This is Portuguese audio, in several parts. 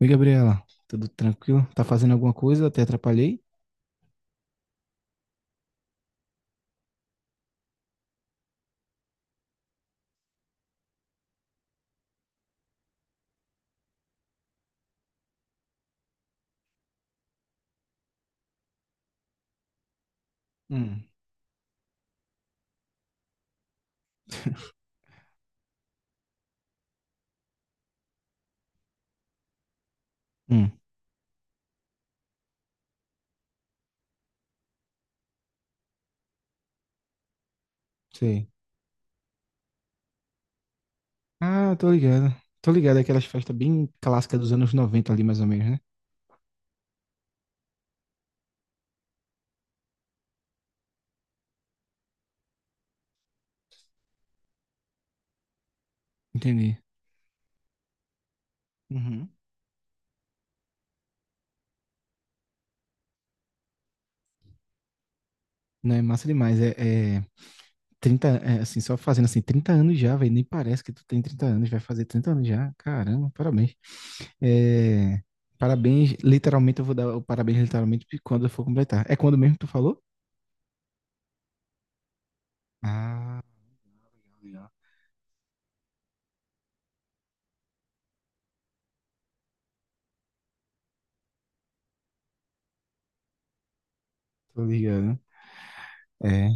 Oi, Gabriela, tudo tranquilo? Tá fazendo alguma coisa? Até atrapalhei? Hum. Hum, sei. Ah, tô ligado. Tô ligado, aquelas festas bem clássicas dos anos noventa ali, mais ou menos, né? Entendi. Uhum. Não, é massa demais. Trinta é, assim, só fazendo assim, 30 anos já, velho. Nem parece que tu tem 30 anos, vai fazer 30 anos já. Caramba, parabéns. É, parabéns, literalmente, eu vou dar o parabéns literalmente quando eu for completar. É quando mesmo que tu falou? Ah, legal. Tô ligado. É.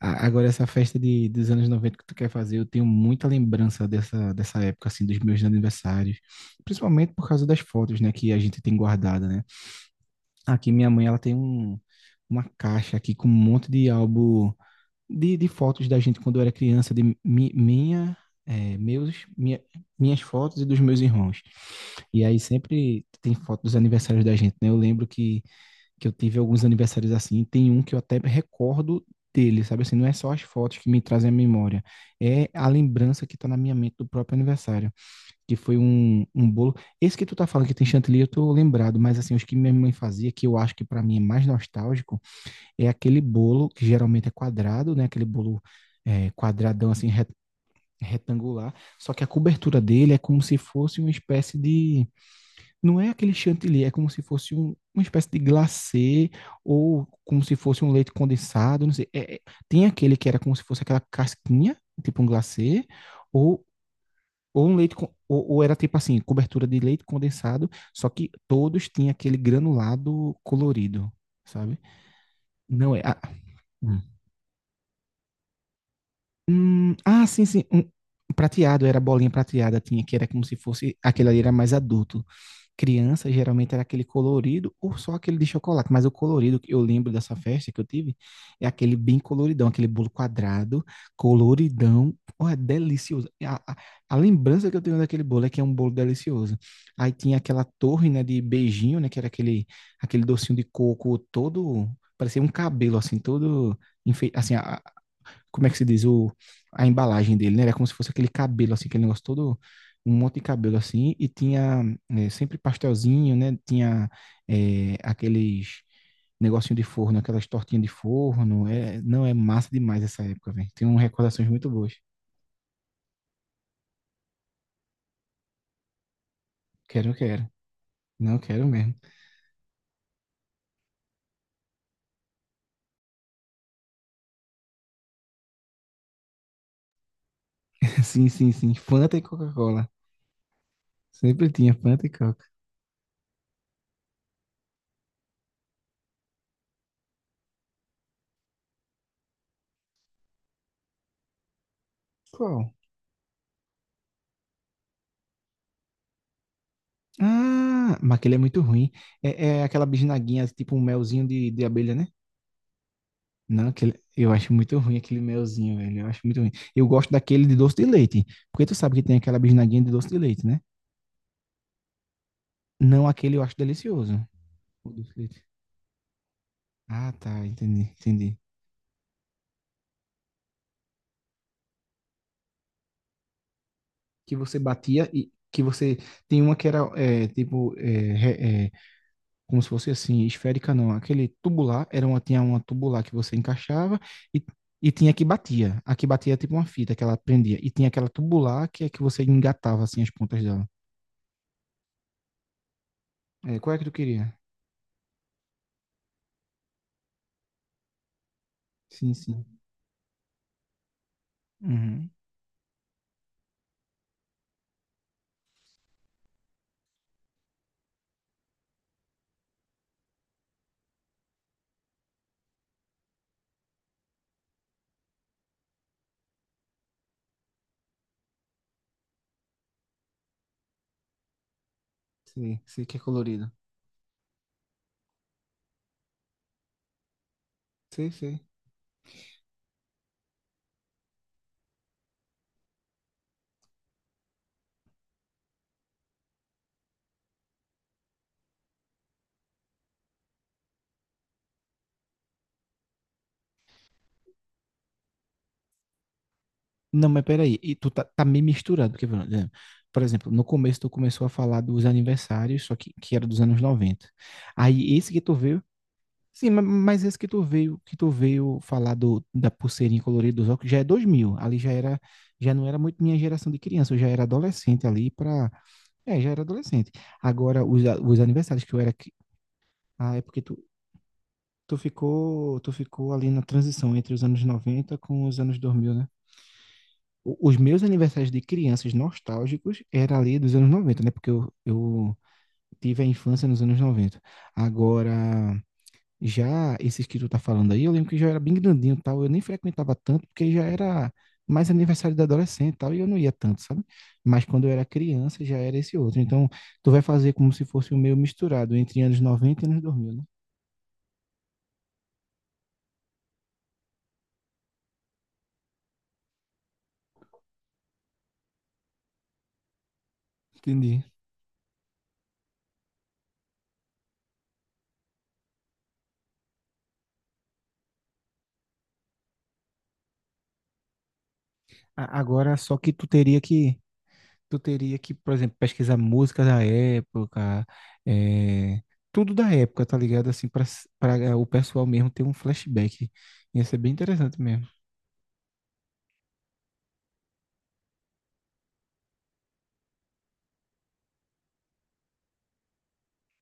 Agora, essa festa dos anos 90 que tu quer fazer, eu tenho muita lembrança dessa época, assim, dos meus aniversários. Principalmente por causa das fotos, né, que a gente tem guardada, né? Aqui, minha mãe, ela tem uma caixa aqui com um monte de álbum de fotos da gente quando eu era criança, de é, meus, minha- minhas fotos e dos meus irmãos. E aí sempre tem foto dos aniversários da gente, né? Eu lembro que eu tive alguns aniversários assim, tem um que eu até recordo dele, sabe assim, não é só as fotos que me trazem a memória, é a lembrança que tá na minha mente do próprio aniversário, que foi um bolo, esse que tu tá falando que tem chantilly, eu tô lembrado, mas assim, os que minha mãe fazia, que eu acho que para mim é mais nostálgico, é aquele bolo que geralmente é quadrado, né? Aquele bolo é, quadradão assim retangular, só que a cobertura dele é como se fosse uma espécie de, não é aquele chantilly, é como se fosse uma espécie de glacê ou como se fosse um leite condensado, não sei. Tem aquele que era como se fosse aquela casquinha, tipo um glacê, ou ou um leite, con- ou era tipo assim, cobertura de leite condensado, só que todos tinham aquele granulado colorido, sabe? Não é. Hum. Ah, sim, sim. Um prateado, era bolinha prateada, tinha que era como se fosse, aquele ali era mais adulto. Criança, geralmente era aquele colorido ou só aquele de chocolate, mas o colorido que eu lembro dessa festa que eu tive é aquele bem coloridão, aquele bolo quadrado, coloridão. Oh, é delicioso. E a lembrança que eu tenho daquele bolo é que é um bolo delicioso. Aí tinha aquela torre, né, de beijinho, né, que era aquele, aquele docinho de coco todo, parecia um cabelo, assim, todo enfei- assim, a- como é que se diz, a embalagem dele, né? Era como se fosse aquele cabelo, assim, aquele negócio todo, um monte de cabelo, assim, e tinha sempre pastelzinho, né? Tinha aqueles negocinho de forno, aquelas tortinhas de forno. É, não, é massa demais essa época, velho. Tem umas recordações muito boas. Quero, quero. Não, quero mesmo. Sim, sim, sim. Fanta e Coca-Cola. Sempre tinha Fanta e Coca. Qual? Ah, mas aquele é muito ruim. É aquela bisnaguinha, tipo um melzinho de abelha, né? Não, aquele, eu acho muito ruim aquele melzinho, velho. Eu acho muito ruim. Eu gosto daquele de doce de leite, porque tu sabe que tem aquela bisnaguinha de doce de leite, né? Não aquele eu acho delicioso. O doce de leite. Ah, tá, entendi, entendi. Que você batia e que você tem uma que era como se fosse assim esférica, não. Aquele tubular era uma tinha uma tubular que você encaixava e E tinha que batia. A que batia é tipo uma fita que ela prendia. E tinha aquela tubular que é que você engatava assim as pontas dela. É, qual é que tu queria? Sim, sim. Uhum. Sei, sei que é colorido. Sei, sei. Não, mas peraí, e tu tá meio misturado, porque, por exemplo, no começo tu começou a falar dos aniversários, só que era dos anos noventa. Aí esse que tu veio, sim, mas esse que tu veio, falar da pulseirinha colorida dos óculos, já é 2000 ali já era, já não era muito minha geração de criança, eu já era adolescente ali pra, é, já era adolescente. Agora, os, os aniversários que eu era, ah, é porque tu ficou ali na transição entre os anos 90 com os anos dois mil, né? Os meus aniversários de crianças nostálgicos era ali dos anos noventa, né? Porque eu tive a infância nos anos noventa. Agora, já esses que tu tá falando aí, eu lembro que já era bem grandinho e tal. Eu nem frequentava tanto, porque já era mais aniversário de adolescente e tal, e eu não ia tanto, sabe? Mas quando eu era criança, já era esse outro. Então, tu vai fazer como se fosse o meu misturado entre anos 90 e anos 2000, né? Entendi. Agora, só que tu teria que por exemplo, pesquisar música da época, eh, tudo da época, tá ligado? Assim, para o pessoal mesmo ter um flashback. Ia ser bem interessante mesmo.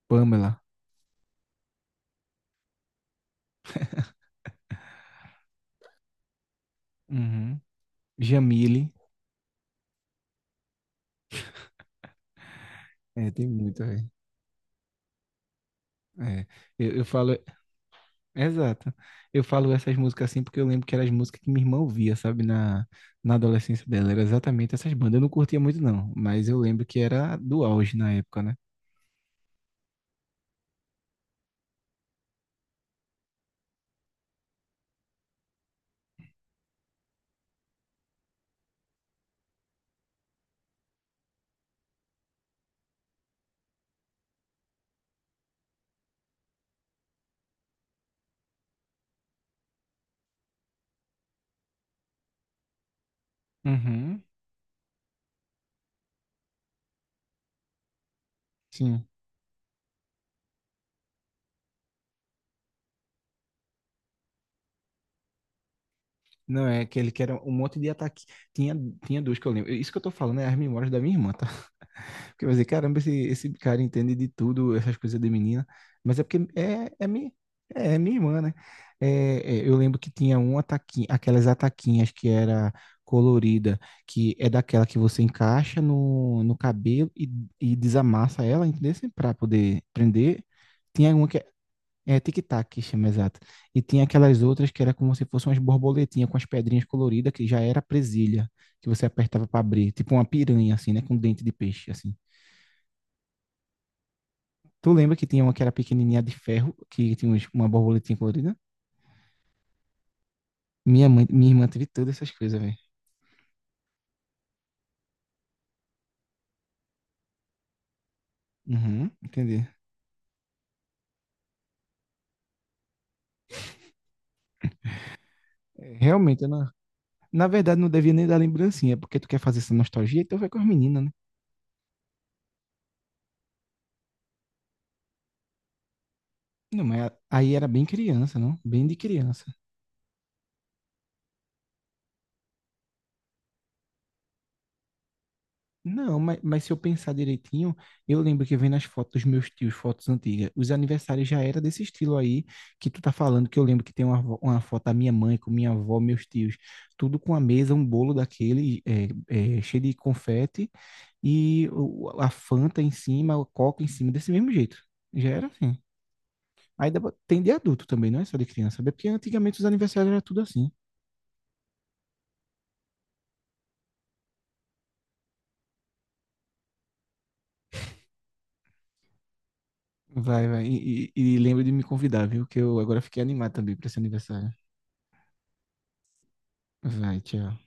Pamela, uhum. Jamile, é, tem muita, velho. É, eu falo, exato. Eu falo essas músicas assim porque eu lembro que eram as músicas que minha irmã ouvia, sabe, na adolescência dela. Era exatamente essas bandas. Eu não curtia muito, não, mas eu lembro que era do auge na época, né? Uhum, sim. Não, é aquele que era um monte de ataque. Tinha, tinha duas que eu lembro. Isso que eu tô falando é as memórias da minha irmã, tá? Porque eu vou dizer, caramba, esse cara entende de tudo, essas coisas de menina. Mas é porque é minha irmã, né? É, eu lembro que tinha um ataquinho, aquelas ataquinhas que era colorida, que é daquela que você encaixa no cabelo e desamassa ela, entendeu? Pra poder prender. Tinha uma que é, tic-tac que chama, exato. E tinha aquelas outras que era como se fossem umas borboletinhas com as pedrinhas coloridas, que já era presilha, que você apertava para abrir. Tipo uma piranha, assim, né? Com dente de peixe, assim. Tu lembra que tinha uma que era pequenininha de ferro, que tinha uma borboletinha colorida? Minha mãe, minha irmã teve todas essas coisas, velho. Uhum, entendi. É, realmente, eu não- na verdade, não devia nem dar lembrancinha, porque tu quer fazer essa nostalgia, então vai com as meninas, né? Não, mas aí era bem criança, não? Bem de criança. Não, mas se eu pensar direitinho, eu lembro que vem nas fotos dos meus tios, fotos antigas, os aniversários já era desse estilo aí que tu tá falando, que eu lembro que tem uma, uma foto da minha mãe com minha avó, meus tios, tudo com a mesa, um bolo daquele cheio de confete e a Fanta em cima, o Coca em cima, desse mesmo jeito. Já era assim. Aí dá tem de adulto também, não é só de criança, sabe? É porque antigamente os aniversários era tudo assim. Vai, vai. E lembra de me convidar, viu? Que eu agora fiquei animado também pra esse aniversário. Vai, tchau.